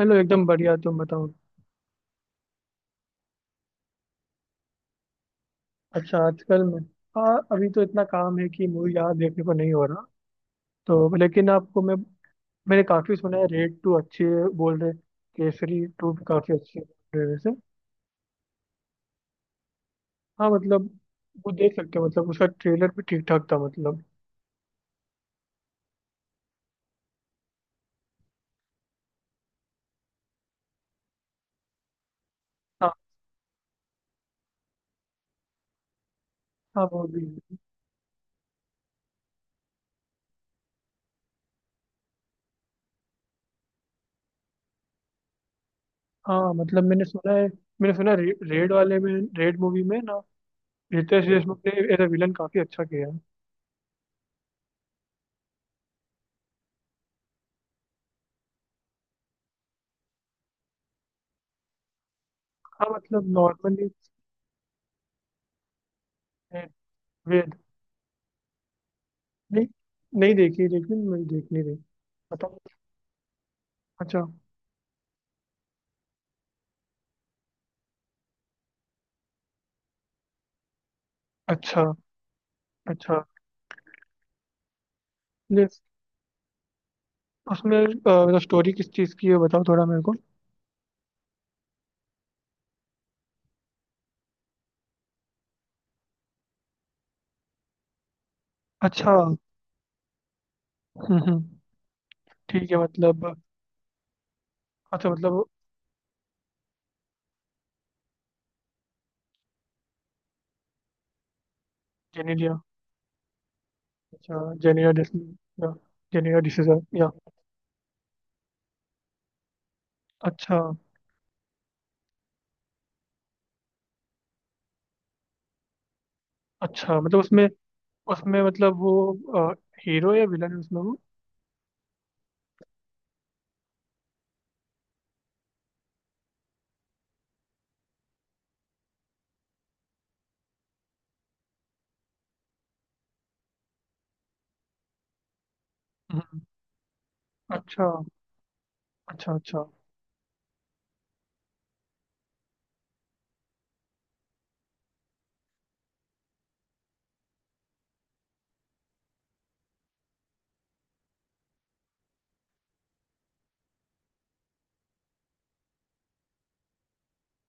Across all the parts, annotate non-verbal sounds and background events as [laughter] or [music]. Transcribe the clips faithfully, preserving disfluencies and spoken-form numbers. Hello, एकदम बढ़िया। तुम बताओ। अच्छा आजकल मैं हाँ, अभी तो इतना काम है कि मूवी ज़्यादा देखने को नहीं हो रहा। तो लेकिन आपको मैं मैंने काफ़ी सुना है, रेड टू अच्छी है बोल रहे। केसरी टू भी काफ़ी अच्छी है बोल रहे वैसे। हाँ, मतलब वो देख सकते हो, मतलब उसका ट्रेलर भी ठीक ठाक था, मतलब। हाँ हाँ, वो भी। हाँ मतलब मैंने सुना है मैंने सुना है रे, रेड वाले में, रेड मूवी में ना, रितेश देशमुख ने एज विलन काफ़ी अच्छा किया है। हाँ मतलब नॉर्मली। नहीं, नहीं देखी, लेकिन मैं देखनी रही। बताओ। अच्छा। अच्छा। अच्छा। यस। उसमें अ, मतलब स्टोरी किस चीज़ की है? बताओ थोड़ा मेरे को। अच्छा। हम्म। हम्म। ठीक है, मतलब। अच्छा मतलब। जेनेलिया। अच्छा, जेनेलिया डिस या। जेनेलिया डिसीजर या। अच्छा। अच्छा, मतलब उसमें, उसमें मतलब वो हीरो या विलन है उसमें वो। हम्म। अच्छा। अच्छा। अच्छा।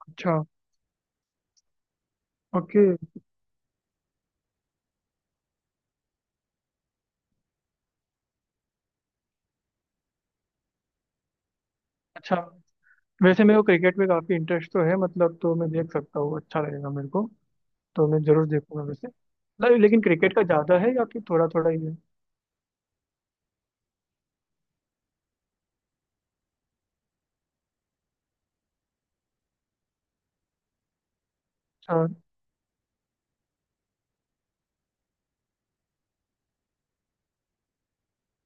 अच्छा। ओके। अच्छा। वैसे मेरे को क्रिकेट में काफ़ी इंटरेस्ट तो है, मतलब तो मैं देख सकता हूँ, अच्छा लगेगा मेरे को। तो मैं जरूर देखूंगा वैसे। ले- लेकिन क्रिकेट का ज्यादा है या फिर थोड़ा थोड़ा ही है? अच्छा।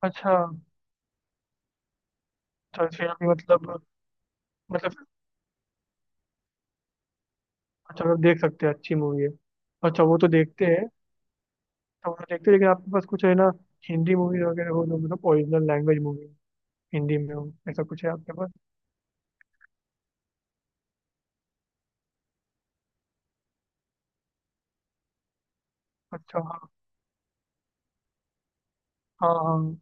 अच्छा। तो फिर अभी मतलब, मतलब। अच्छा, आप देख सकते हैं, अच्छी मूवी है। अच्छा, वो तो देखते हैं। तो वो तो देखते हैं, लेकिन आपके पास कुछ है ना, हिंदी मूवीज वगैरह हो, जो मतलब ओरिजिनल लैंग्वेज मूवी हिंदी में हो, ऐसा कुछ है आपके पास? अच्छा हाँ। हाँ हाँ।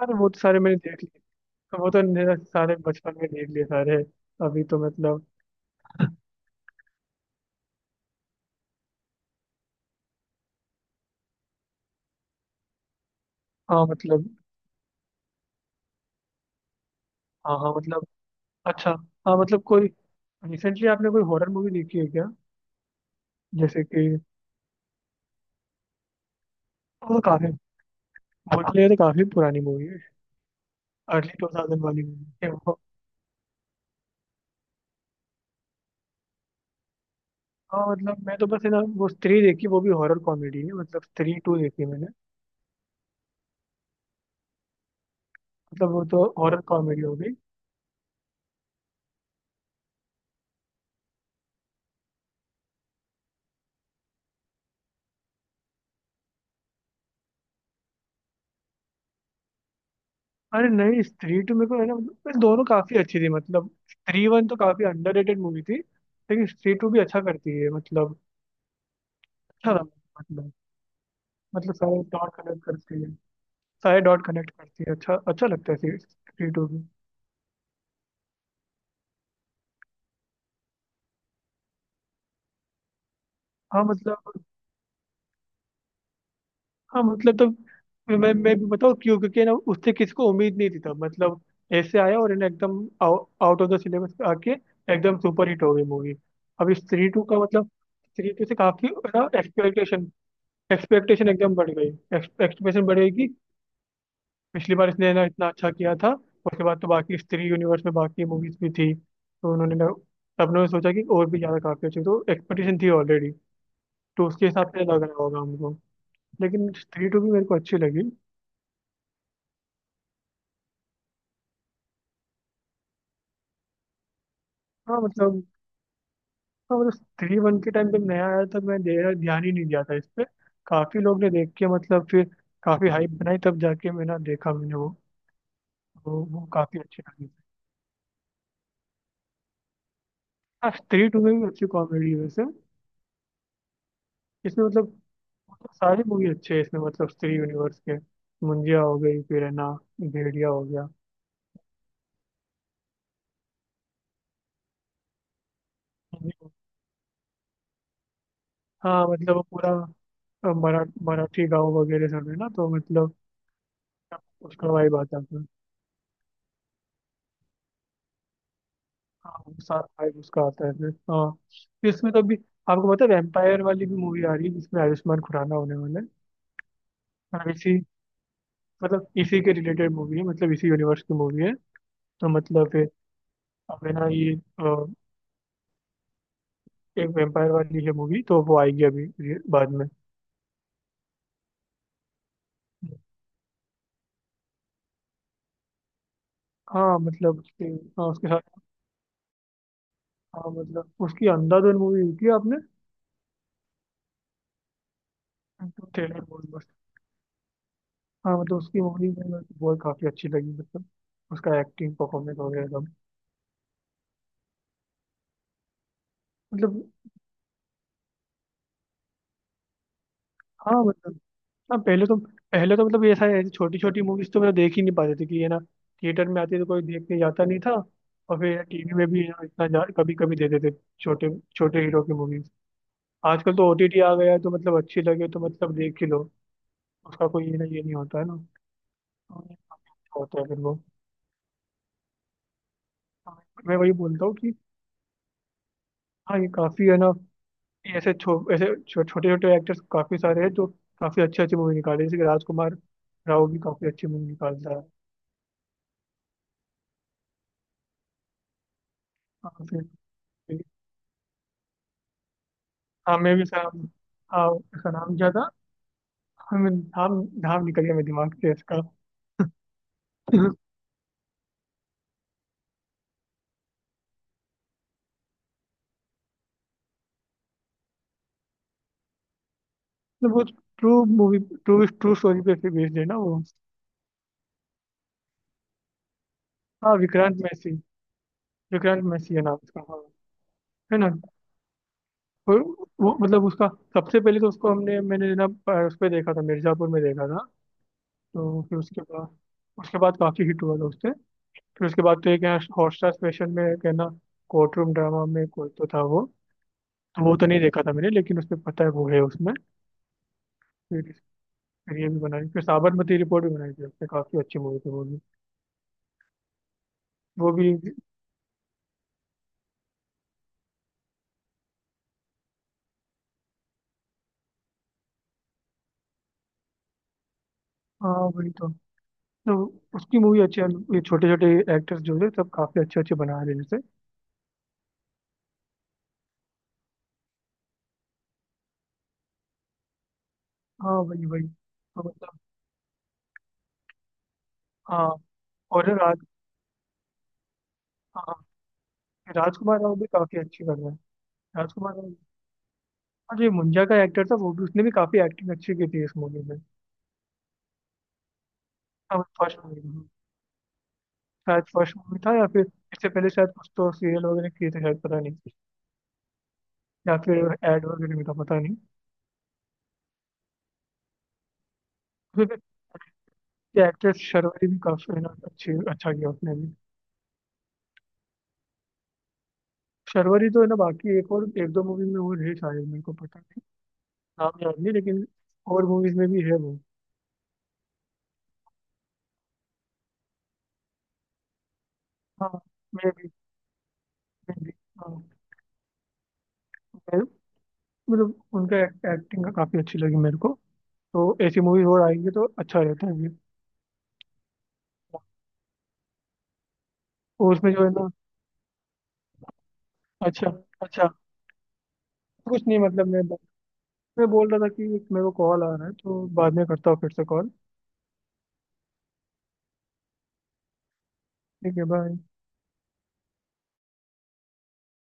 अरे, वो तो सारे मैंने देख लिए। तो वो तो मेरा सारे बचपन में देख लिए सारे। अभी तो मतलब। हाँ मतलब। हाँ हाँ मतलब। अच्छा। हाँ मतलब, कोई रिसेंटली आपने कोई हॉरर मूवी देखी है क्या? जैसे कि वो, काफी बोलने लगे तो काफी पुरानी मूवी है। अर्ली टू थाउजेंड वाली मूवी है वो। हाँ, मतलब मैं तो बस है ना वो स्त्री देखी, वो भी हॉरर कॉमेडी है, मतलब स्त्री टू देखी मैंने। मतलब वो तो हॉरर कॉमेडी हो गई। अरे नहीं, स्त्री टू मेरे को है ना मतलब, दोनों काफी अच्छी थी, मतलब स्त्री वन तो काफी अंडररेटेड मूवी थी, लेकिन स्त्री टू भी अच्छा करती है मतलब। अच्छा था मतलब। मतलब सारे डॉट कनेक्ट करती है। सारे डॉट कनेक्ट करती है, अच्छा अच्छा लगता है स्त्री टू भी। हाँ मतलब। हाँ मतलब तो मैं मैं भी बताऊँ क्यों, क्योंकि ना उससे किसको उम्मीद नहीं थी तब, मतलब ऐसे आया और है ना एकदम आउट ऑफ द सिलेबस आके एकदम सुपर हिट हो गई मूवी। अब इस थ्री टू का मतलब, थ्री टू से काफी ना एक्सपेक्टेशन, एक्सपेक्टेशन एकदम बढ़ गई। एक्सपेक्टेशन बढ़ेगी। पिछली बार इसने ना इतना अच्छा किया था, उसके बाद तो बाकी स्त्री यूनिवर्स में बाकी मूवीज भी थी तो उन्होंने ना, सबने सोचा कि और भी ज्यादा काफी अच्छी, तो एक्सपेक्टेशन थी ऑलरेडी। तो उसके हिसाब से लग रहा होगा हमको, लेकिन स्त्री टू भी मेरे को अच्छी लगी। हाँ मतलब। हाँ मतलब, थ्री वन के टाइम जब नया आया था, मैं दे- ध्यान ही नहीं दिया था इस पे। काफी लोग ने देख के मतलब फिर काफी हाइप बनाई, तब जाके मैंने देखा, मैंने वो। वो, वो काफी अच्छी लगी। हाँ, स्त्री टू में भी अच्छी कॉमेडी है वैसे। इसमें मतलब, मतलब सारी मूवी अच्छी है इसमें, मतलब स्त्री यूनिवर्स के। मुंजिया हो गई फिर है ना, भेड़िया हो गया। हाँ मतलब वो पूरा अ, मरा, मराठी गाँव वगैरह सब है ना, तो मतलब उसका वाइब आता है। हाँ, वो साथ फाइव उसका आता है फिर हाँ। फिर इसमें तो अभी, आपको पता है वेम्पायर वाली भी मूवी आ रही है जिसमें आयुष्मान खुराना होने वाला है, मतलब इसी, मतलब इसी के रिलेटेड मूवी है, मतलब इसी यूनिवर्स की मूवी है। तो मतलब फिर, अब है ना ये अ, एक वेम्पायर वाली है मूवी, तो वो आएगी अभी, ये बाद में। हाँ मतलब उसके, हाँ उसके साथ। हाँ मतलब, उसकी अंधाधुन मूवी देखी है आपने? तो ट्रेलर बहुत मस्त। हाँ मतलब उसकी मूवी में मेरे को बहुत काफी अच्छी लगी, मतलब उसका एक्टिंग परफॉर्मेंस वगैरह सब। मतलब। हाँ मतलब। हाँ, पहले तो, पहले तो मतलब ऐसा है, छोटी छोटी मूवीज तो मतलब देख ही नहीं पाते थे, कि ये ना थिएटर में आती है तो कोई देखने जाता नहीं था, और फिर टीवी में भी है ना इतना जा, कभी कभी दे देते थे छोटे छोटे हीरो की मूवीज। आजकल तो ओटीटी आ गया है, तो मतलब अच्छी लगे तो मतलब देख ही लो। उसका कोई ये ना, ये नहीं होता है ना। तो होता है फिर वो। हाँ, मैं वही बोलता हूँ कि, हाँ ये काफी है ना, ये ऐसे छो, ऐसे छो, छोटे छोटे एक्टर्स काफी सारे हैं जो काफी अच्छी अच्छी मूवी निकाले, जैसे कि राजकुमार राव भी काफी अच्छी मूवी निकालता है। हाँ। फिर, हाँ मैं भी सर। हाँ, उसका नाम क्या था? हमें नाम, नाम निकल गया मेरे दिमाग से इसका। [laughs] मतलब वो true movie, true true story पे बेस्ड है ना वो। हाँ, विक्रांत मैसी। विक्रांत मैसी है नाम उसका, हाँ, है ना। वो, वो मतलब उसका, सबसे पहले तो उसको हमने, मैंने ना अ, उस पे देखा था, मिर्जापुर में देखा था। तो फिर उसके बाद, उसके बाद काफी हिट हुआ था उससे। फिर उसके बाद तो एक यहाँ हॉटस्टार स्पेशल में एक है ना, कोर्ट रूम ड्रामा में कोई तो था वो। तो वो तो नहीं देखा था मैंने, लेकिन उसमें पता है वो है उसमें। फिर फिर ये भी बनाई, फिर साबरमती रिपोर्ट भी बनाई थी उसने, काफी अच्छी मूवी थी वो भी। वो भी। हाँ वही तो। तो उसकी मूवी अच्छी है। ये छोटे छोटे एक्टर्स जो है, सब काफी अच्छे अच्छे बना रहे हैं जैसे। हाँ वही वही तो, मतलब। हाँ, और ये राज, हाँ राजकुमार राव भी काफी अच्छी कर रहे हैं। राजकुमार राव। और जो ये मुंजा का एक्टर था वो भी, उसने भी काफी एक्टिंग अच्छी की थी इस मूवी में। हाँ, फर्स्ट मूवी में, शायद फर्स्ट मूवी था, या फिर इससे पहले शायद कुछ तो सीरियल वगैरह किए थे शायद, पता नहीं। या फिर एड वगैरह में था, पता नहीं। ये एक्ट्रेस शर्वरी भी काफी है ना अच्छी, अच्छा किया उसने भी। शर्वरी तो है ना बाकी, एक और एक दो मूवी में वो है शायद, मेरे को पता नहीं, नाम याद नहीं, लेकिन और मूवीज में भी है वो। हाँ मैं भी मैं भी, हाँ, मैं- मतलब उनका एक्टिंग का काफी अच्छी लगी मेरे को। तो ऐसी मूवीज और आएंगी तो अच्छा रहता है ये। और उसमें जो है ना। अच्छा। अच्छा। कुछ नहीं, मतलब मैं मैं बोल रहा था कि एक मेरे को कॉल आ रहा है, तो बाद में करता हूँ फिर से कॉल। ठीक है, बाय।